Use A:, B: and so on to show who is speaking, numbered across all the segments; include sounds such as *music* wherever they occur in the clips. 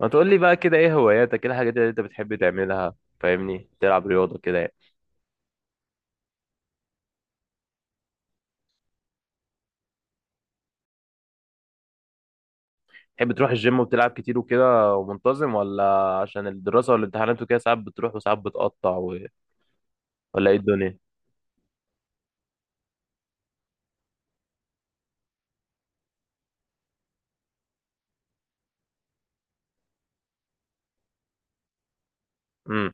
A: ما تقول لي بقى كده ايه هواياتك، ايه الحاجات اللي انت بتحب تعملها؟ فاهمني تلعب رياضة كده يعني. تحب تروح الجيم وبتلعب كتير وكده ومنتظم، ولا عشان الدراسة والامتحانات وكده ساعات بتروح وساعات بتقطع ولا ايه الدنيا؟ امم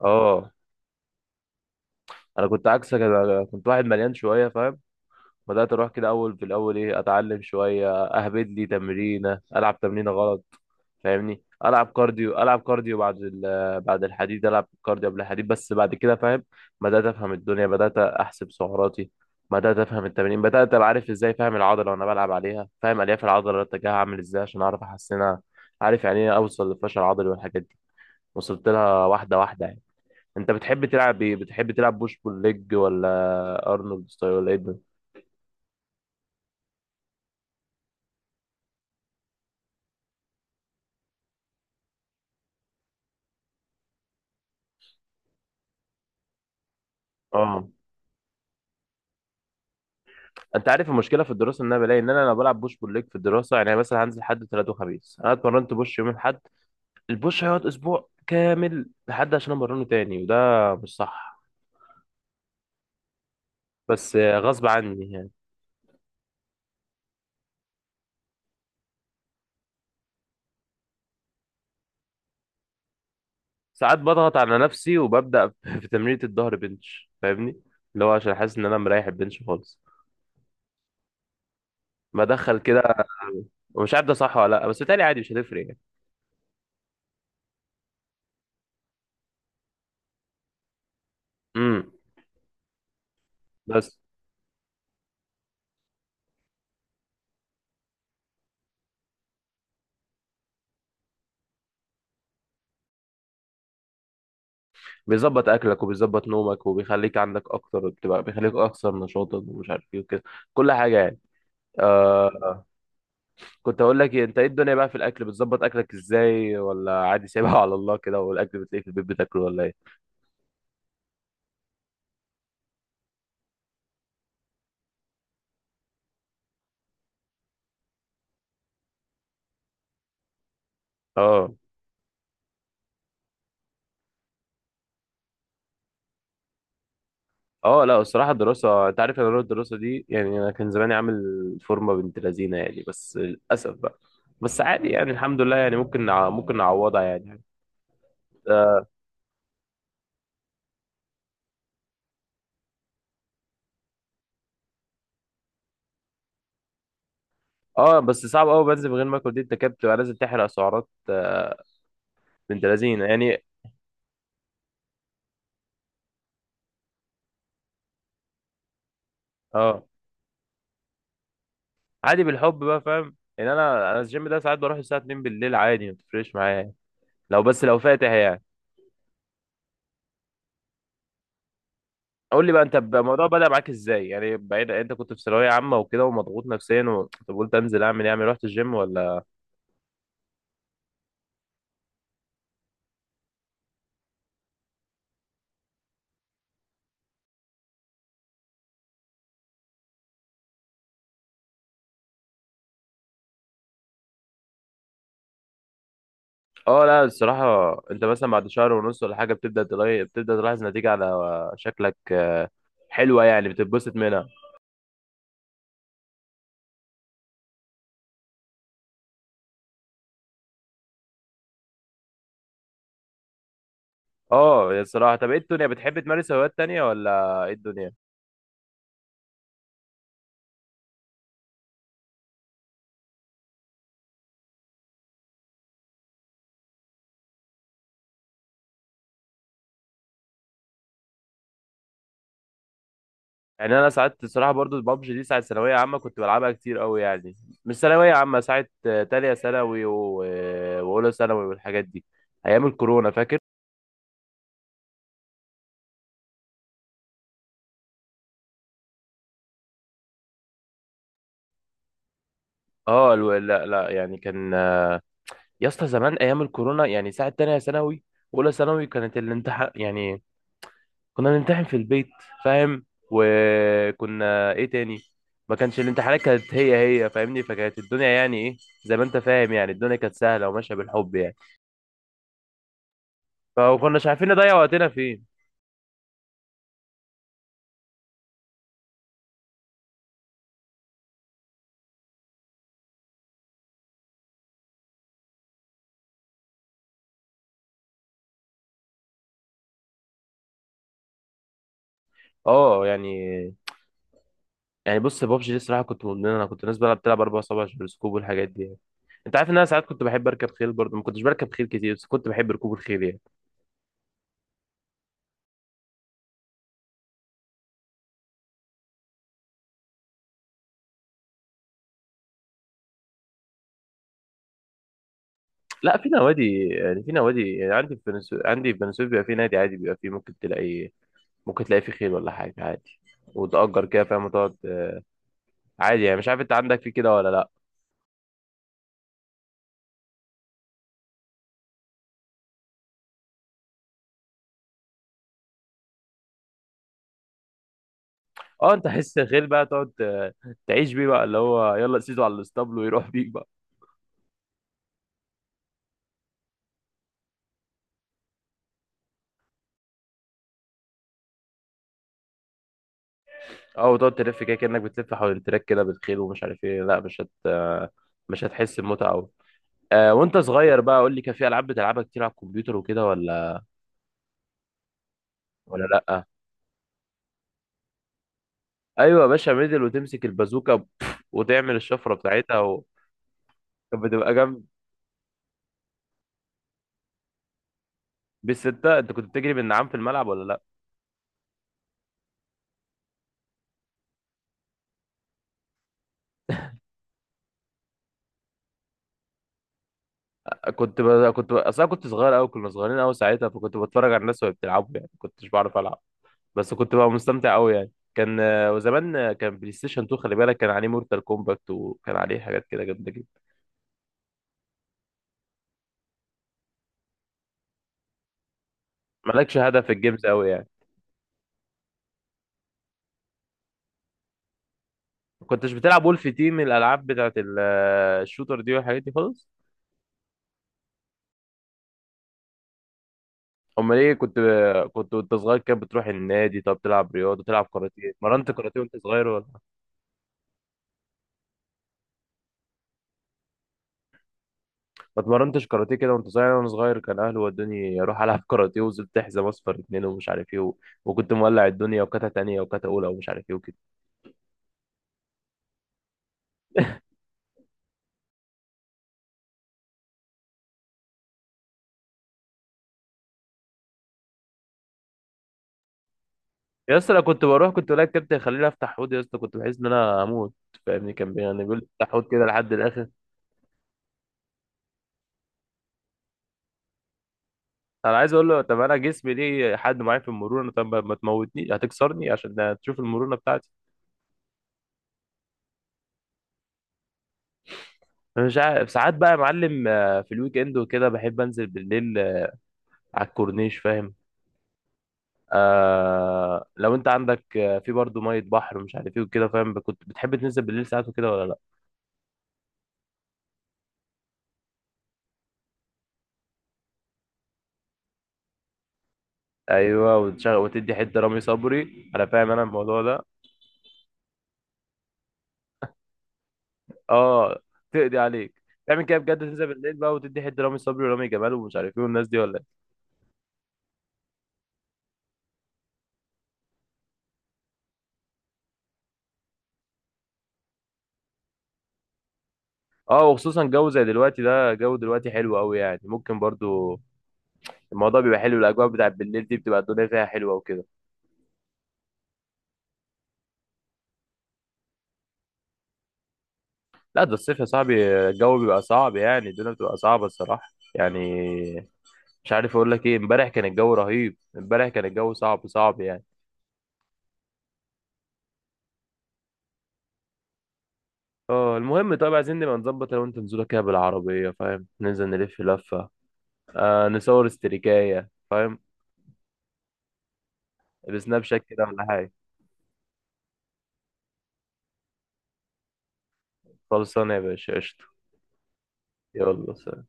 A: اه، انا كنت عكسك، انا كنت واحد مليان شوية، فاهم. بدأت اروح كده اول، في الاول ايه، اتعلم شوية، اهبد لي تمرينة، العب تمرينة غلط. فاهمني العب كارديو، العب كارديو بعد الحديد، العب كارديو قبل الحديد، بس بعد كده فاهم بدات افهم الدنيا، بدات احسب سعراتي، بدات افهم التمارين، بدات ابقى عارف ازاي، فاهم العضله وانا بلعب عليها، فاهم الياف العضله اتجاهها عامل ازاي عشان اعرف احسنها. عارف يعني ايه اوصل للفشل العضلي والحاجات دي، وصلت لها واحده واحده يعني. انت بتحب تلعب ايه؟ بتحب تلعب بوش بول ليج، ولا ارنولد ستايل، ولا ايه ده؟ اه، انت عارف المشكله في الدراسه ان انا بلاقي ان انا لو بلعب بوش بول ليج في الدراسه يعني مثلا هنزل حد ثلاث وخميس، انا اتمرنت بوش يوم الاحد، البوش هيقعد اسبوع كامل لحد عشان امرنه تاني، وده مش صح، بس غصب عني يعني. ساعات بضغط على نفسي وببدأ *laughs* في تمرينة الظهر بنش، فاهمني، اللي هو عشان حاسس ان انا مريح البنش خالص، بدخل كده ومش عارف ده صح ولا لا، بس تاني عادي مش هتفرق يعني. امم بس بيظبط اكلك، وبيظبط نومك، وبيخليك عندك اكتر، بتبقى بيخليك اكثر نشاطا ومش عارف ايه وكده، كل حاجه يعني. آه، كنت هقول لك إيه، انت ايه الدنيا بقى في الاكل؟ بتظبط اكلك ازاي، ولا عادي سايبها *laughs* على الله كده، والاكل بتلاقيه في البيت بتاكله، ولا ايه؟ اه، اه لا الصراحه الدراسه، انت عارف انا روح الدراسه دي يعني، انا كان زماني عامل فورمه بنت لذينه يعني، بس للاسف بقى. بس عادي يعني، الحمد لله يعني، ممكن ممكن نعوضها يعني. اه، آه، بس صعب قوي بنزل من غير ما اكل، دي انت كده بتبقى لازم تحرق سعرات. آه، بنت لذينه يعني. اه، عادي بالحب بقى، فاهم يعني، انا الجيم ده ساعات بروح الساعه 2 بالليل عادي، ما بتفرقش معايا يعني. لو بس لو فاتح يعني. قول لي بقى، الموضوع بدأ معاك ازاي يعني؟ بعيد انت كنت في ثانوية عامة وكده ومضغوط نفسيا طب قلت انزل اعمل ايه، اعمل إيه؟ رحت الجيم، ولا اه؟ لا الصراحة، انت مثلا بعد شهر ونص ولا حاجة بتبدأ تلاقي، بتبدأ تلاحظ نتيجة على شكلك. آه، حلوة يعني، بتتبسط منها. اه، يا الصراحة طب ايه الدنيا؟ بتحب تمارس هوايات تانية، ولا ايه الدنيا؟ يعني انا ساعات الصراحة برضو البابجي دي، ساعة ثانوية عامة كنت بلعبها كتير قوي يعني. مش ثانوية عامة، ساعة آه، تانية ثانوي واولى ثانوي والحاجات دي، ايام الكورونا فاكر؟ اه لا لا يعني كان. يا اسطى زمان ايام الكورونا، يعني ساعه تانية ثانوي واولى ثانوي، كانت الامتحان يعني كنا بنمتحن في البيت، فاهم. وكنا ايه تاني، ما كانش الامتحانات كانت هي فاهمني، فكانت الدنيا يعني ايه، زي ما انت فاهم يعني، الدنيا كانت سهله وماشيه بالحب يعني، فما كناش عارفين نضيع وقتنا فين. اه يعني، يعني بص بابجي دي الصراحه كنت مدمن، انا كنت، الناس بقى بتلعب اربع صوابع سكوب والحاجات دي يعني. انت عارف ان انا ساعات كنت بحب اركب خيل برضه، ما كنتش بركب خيل كتير بس كنت بحب ركوب الخيل يعني. لا في نوادي يعني، في نوادي يعني، عندي في بنسوب بيبقى في نادي عادي، بيبقى فيه ممكن تلاقي، ممكن تلاقي فيه خيل ولا حاجة عادي، وتأجر كده فاهم، وتقعد. آه، عادي يعني، مش عارف انت عندك في كده ولا لا. اه، انت حس الخيل بقى تقعد، آه، تعيش بيه بقى، اللي هو يلا سيده على الاسطبل ويروح بيك بقى. اه، وتقعد تلف كده كأنك بتلف حول التراك كده بالخيل ومش عارف ايه، لا مش هت آه، مش هتحس بمتعة قوي. آه، وانت صغير بقى قول لي، كان في العاب بتلعبها كتير على الكمبيوتر وكده، ولا؟ ولا لا؟ ايوه يا باشا ميدل، وتمسك البازوكه بف، وتعمل الشفره بتاعتها كانت بتبقى جنب. بالستة انت كنت بتجري بالنعام في الملعب ولا لا؟ اصل انا كنت صغير قوي، كنا صغيرين قوي ساعتها، فكنت بتفرج على الناس وهي بتلعبوا يعني، ما كنتش بعرف العب، بس كنت بقى مستمتع قوي يعني. كان آه، وزمان آه، كان بلاي ستيشن 2، خلي بالك كان عليه مورتال كومباكت، وكان عليه حاجات كده جامده جدا. مالكش هدف في الجيمز قوي يعني؟ ما كنتش بتلعب وولف تيم، الالعاب بتاعت آه، الشوتر دي والحاجات دي خالص؟ امال ايه كنت، كنت وانت صغير كده بتروح النادي؟ طب تلعب رياضه، تلعب كاراتيه، اتمرنت كاراتيه وانت صغير ولا؟ ما اتمرنتش كاراتيه كده وانت صغير؟ وانا صغير كان اهلي ودوني اروح العب *laughs* كاراتيه، وزلت حزام اصفر اتنين ومش عارف ايه وكنت مولع الدنيا، وكاتا تانية وكاتا اولى ومش عارف ايه وكده. يا اسطى انا كنت بروح، كنت الاقي الكابتن يخليني افتح حوض، يا اسطى كنت بحس ان انا هموت، فاهمني. يعني بيقول لي افتح حوض كده لحد الاخر. انا عايز اقول له طب انا جسمي ليه حد معايا في المرونه، طب ما تموتني، هتكسرني عشان تشوف المرونه بتاعتي. أنا مش عارف ساعات بقى يا معلم، آه، في الويك اند وكده بحب انزل بالليل، آه، على الكورنيش، فاهم. آه، لو انت عندك آه، في برضه ميه بحر ومش عارف ايه وكده، فاهم، كنت بتحب تنزل بالليل ساعات وكده ولا لا؟ ايوه وتشغل وتدي حته رامي صبري، انا فاهم انا الموضوع ده. اه، تقضي عليك تعمل كده بجد، تنزل بالليل بقى وتدي حته رامي صبري ورامي جمال ومش عارف ايه والناس دي، ولا ايه؟ اه، وخصوصا جو زي دلوقتي ده، جو دلوقتي حلو قوي يعني، ممكن برضه الموضوع بيبقى حلو، الاجواء بتاعت بالليل دي بتبقى الدنيا فيها حلوه وكده. لا ده الصيف يا صاحبي الجو بيبقى صعب يعني، الدنيا بتبقى صعبة الصراحة يعني، مش عارف اقول لك ايه، امبارح كان الجو رهيب، امبارح كان الجو صعب صعب يعني. اه، المهم طيب، عايزين نبقى نظبط لو انت نزوله كده بالعربية فاهم، ننزل نلف لفة، آه، نصور استريكاية، فاهم، بسناب شات كده ولا حاجة. خلصانة يا باشا، قشطة. يلا سلام.